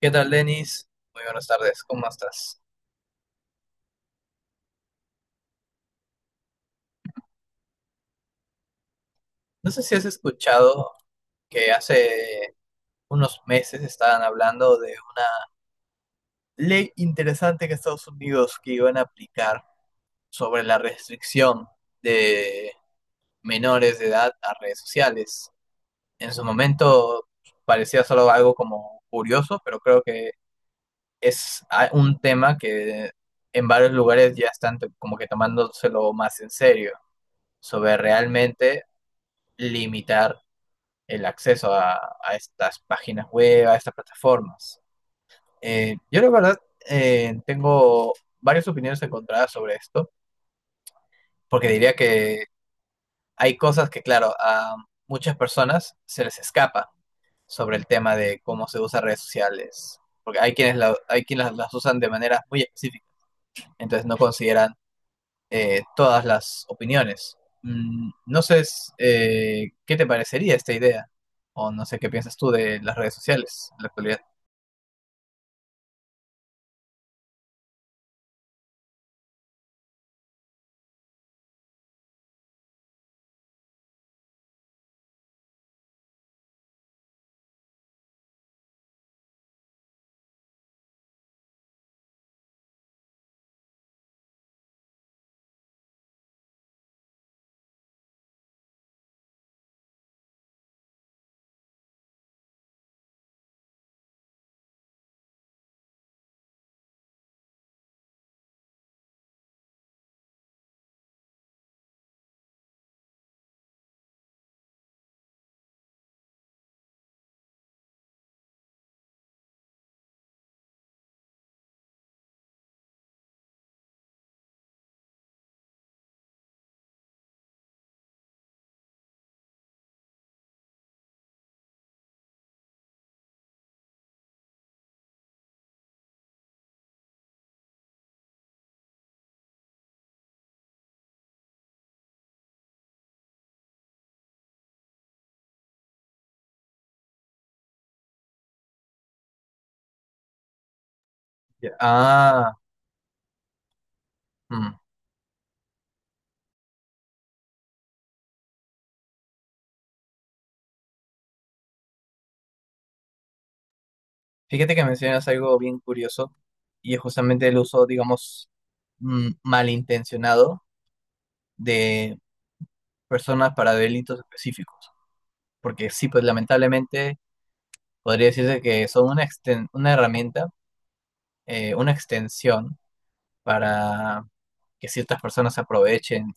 ¿Qué tal, Denis? Muy buenas tardes, ¿cómo estás? No sé si has escuchado que hace unos meses estaban hablando de una ley interesante que Estados Unidos que iban a aplicar sobre la restricción de menores de edad a redes sociales. En su momento parecía solo algo como curioso, pero creo que es un tema que en varios lugares ya están como que tomándoselo más en serio, sobre realmente limitar el acceso a estas páginas web, a estas plataformas. Yo la verdad tengo varias opiniones encontradas sobre esto, porque diría que hay cosas que, claro, a muchas personas se les escapa sobre el tema de cómo se usan redes sociales, porque hay quienes, hay quienes las usan de manera muy específica, entonces no consideran todas las opiniones. No sé qué te parecería esta idea, o no sé qué piensas tú de las redes sociales en la actualidad. Ya. Ah, mm. Fíjate que mencionas algo bien curioso y es justamente el uso, digamos, malintencionado de personas para delitos específicos. Porque sí, pues lamentablemente podría decirse que son una, una herramienta, una extensión para que ciertas personas se aprovechen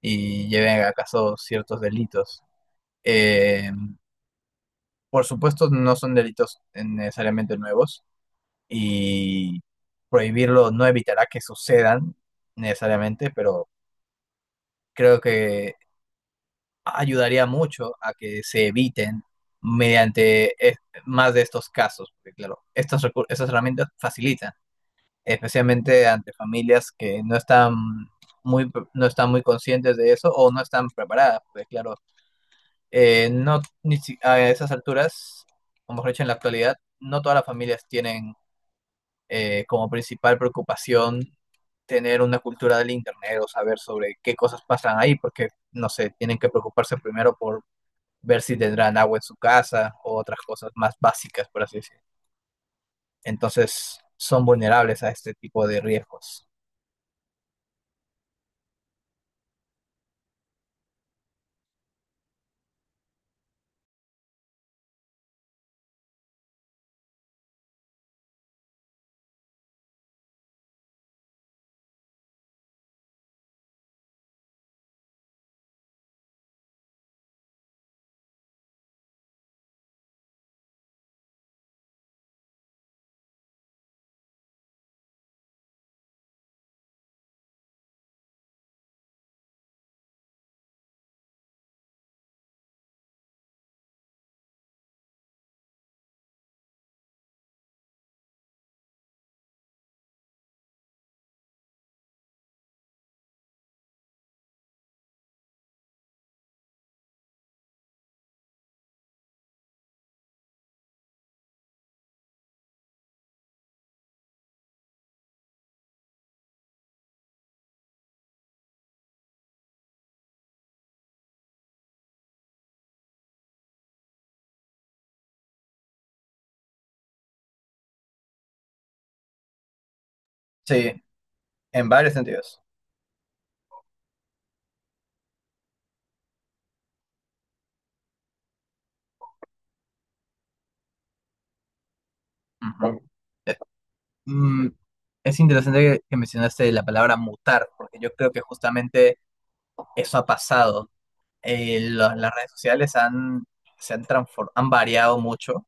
y lleven a caso ciertos delitos. Eh, por supuesto, no son delitos necesariamente nuevos. Y prohibirlo no evitará que sucedan necesariamente, pero creo que ayudaría mucho a que se eviten mediante más de estos casos, porque claro, estas, estas herramientas facilitan, especialmente ante familias que no están muy, no están muy conscientes de eso o no están preparadas, porque claro, no, ni si- a esas alturas, o mejor dicho, en la actualidad, no todas las familias tienen como principal preocupación tener una cultura del Internet o saber sobre qué cosas pasan ahí, porque, no sé, tienen que preocuparse primero por ver si tendrán agua en su casa o otras cosas más básicas, por así decirlo. Entonces, son vulnerables a este tipo de riesgos. Sí, en varios sentidos. Ujú. Bueno, Eh, Mm, es interesante que mencionaste la palabra mutar, porque yo creo que justamente eso ha pasado. Las redes sociales han, se han han variado mucho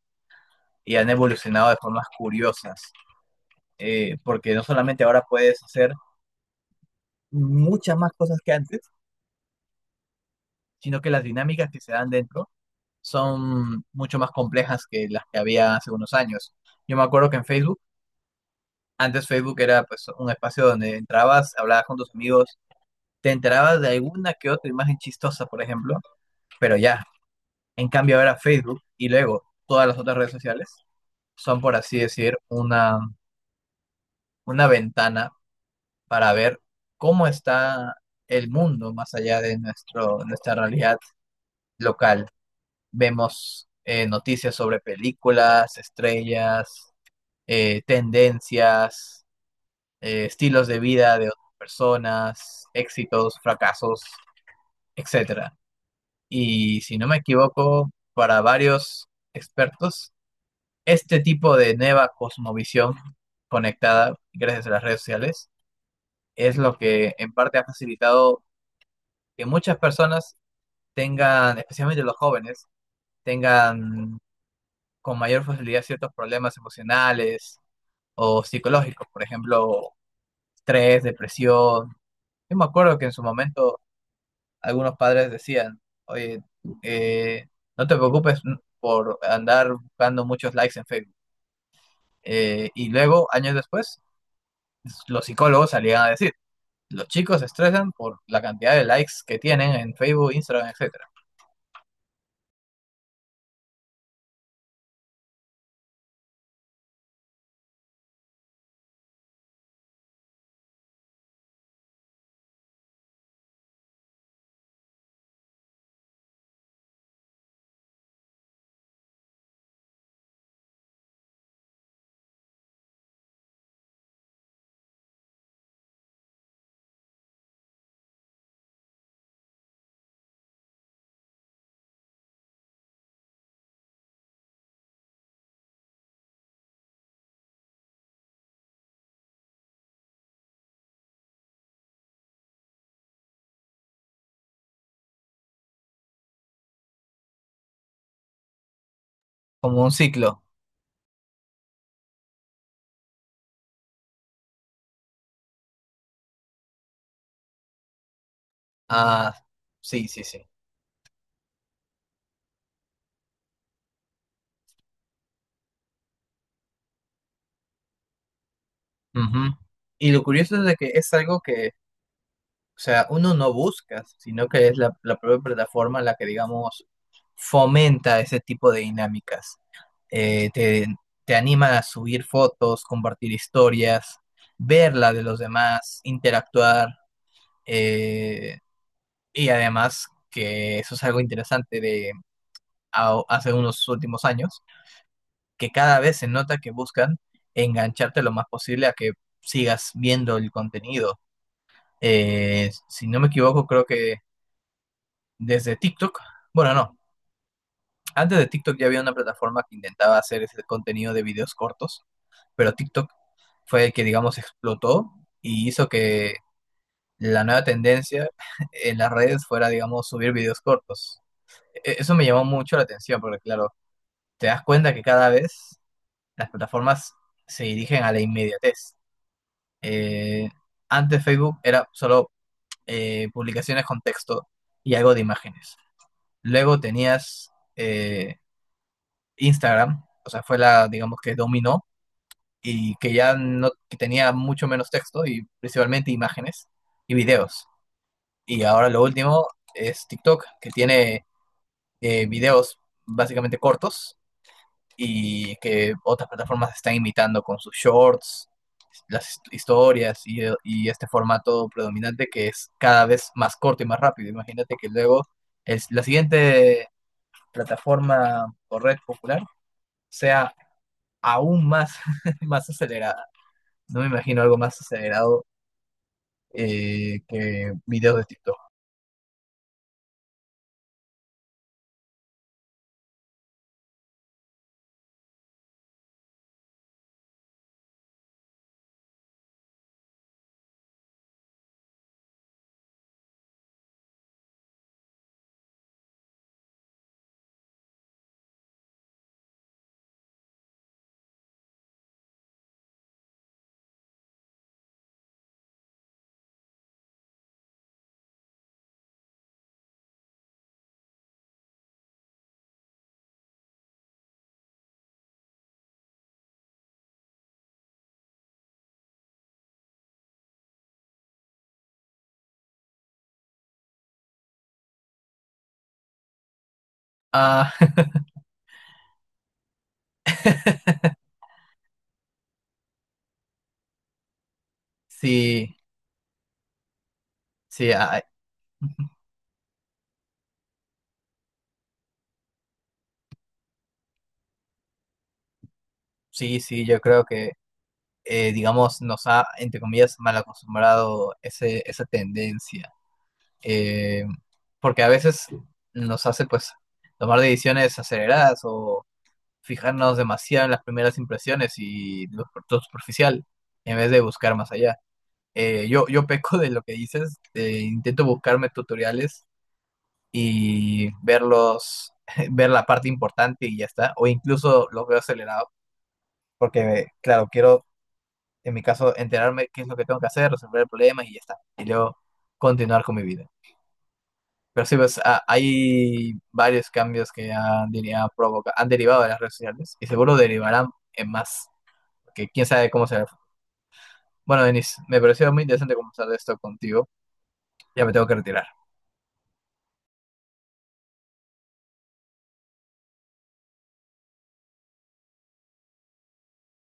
y han evolucionado de formas curiosas, porque no solamente ahora puedes hacer muchas más cosas que antes, sino que las dinámicas que se dan dentro son mucho más complejas que las que había hace unos años. Yo me acuerdo que en Facebook, antes Facebook era pues un espacio donde entrabas, hablabas con tus amigos, te enterabas de alguna que otra imagen chistosa, por ejemplo, pero ya. En cambio ahora Facebook y luego todas las otras redes sociales son, por así decir, una ventana para ver cómo está el mundo más allá de nuestro, nuestra realidad local. Vemos noticias sobre películas, estrellas, tendencias, estilos de vida de otras personas, éxitos, fracasos, etcétera. Y si no me equivoco, para varios expertos, este tipo de nueva cosmovisión conectada gracias a las redes sociales es lo que en parte ha facilitado que muchas personas tengan, especialmente los jóvenes, tengan con mayor facilidad ciertos problemas emocionales o psicológicos, por ejemplo, estrés, depresión. Yo me acuerdo que en su momento algunos padres decían, oye, eh, no te preocupes por andar buscando muchos likes en Facebook. Y luego, años después, los psicólogos salían a decir, los chicos se estresan por la cantidad de likes que tienen en Facebook, Instagram, etcétera. Como un ciclo. Ah, sí, sí, sí. Ujú. Y lo curioso es de que es algo que, o sea, uno no busca, sino que es la, la propia plataforma la que, digamos, fomenta ese tipo de dinámicas. Eh, te, te anima a subir fotos, compartir historias, ver la de los demás, interactuar. eh, y además que eso es algo interesante de hace unos últimos años, que cada vez se nota que buscan engancharte lo más posible a que sigas viendo el contenido. Si no me equivoco, creo que desde TikTok, bueno, no, antes de TikTok ya había una plataforma que intentaba hacer ese contenido de videos cortos, pero TikTok fue el que, digamos, explotó y hizo que la nueva tendencia en las redes fuera, digamos, subir videos cortos. Eso me llamó mucho la atención porque, claro, te das cuenta que cada vez las plataformas se dirigen a la inmediatez. Eh, antes Facebook era solo publicaciones con texto y algo de imágenes. Luego tenías Instagram, o sea, fue la, digamos, que dominó y que ya no que tenía mucho menos texto y principalmente imágenes y videos. Y ahora lo último es TikTok, que tiene videos básicamente cortos y que otras plataformas están imitando con sus shorts, las historias y este formato predominante que es cada vez más corto y más rápido. Imagínate que luego es la siguiente plataforma o red popular sea aún más, más acelerada. No me imagino algo más acelerado que videos de TikTok. Ah, sí, sí, ah, sí, sí, yo creo que, digamos, nos ha, entre comillas, mal acostumbrado esa tendencia. Eh, porque a veces nos hace, pues, tomar decisiones aceleradas o fijarnos demasiado en las primeras impresiones y lo superficial en vez de buscar más allá. Yo peco de lo que dices, intento buscarme tutoriales y verlos, ver la parte importante y ya está, o incluso los veo acelerado, porque claro, quiero en mi caso enterarme qué es lo que tengo que hacer, resolver el problema y ya está, y luego continuar con mi vida. Pero sí, pues hay varios cambios que han, diría, han derivado de las redes sociales y seguro derivarán en más, que quién sabe cómo será el futuro. Bueno, Denis, me pareció muy interesante conversar de esto contigo, ya me tengo que retirar.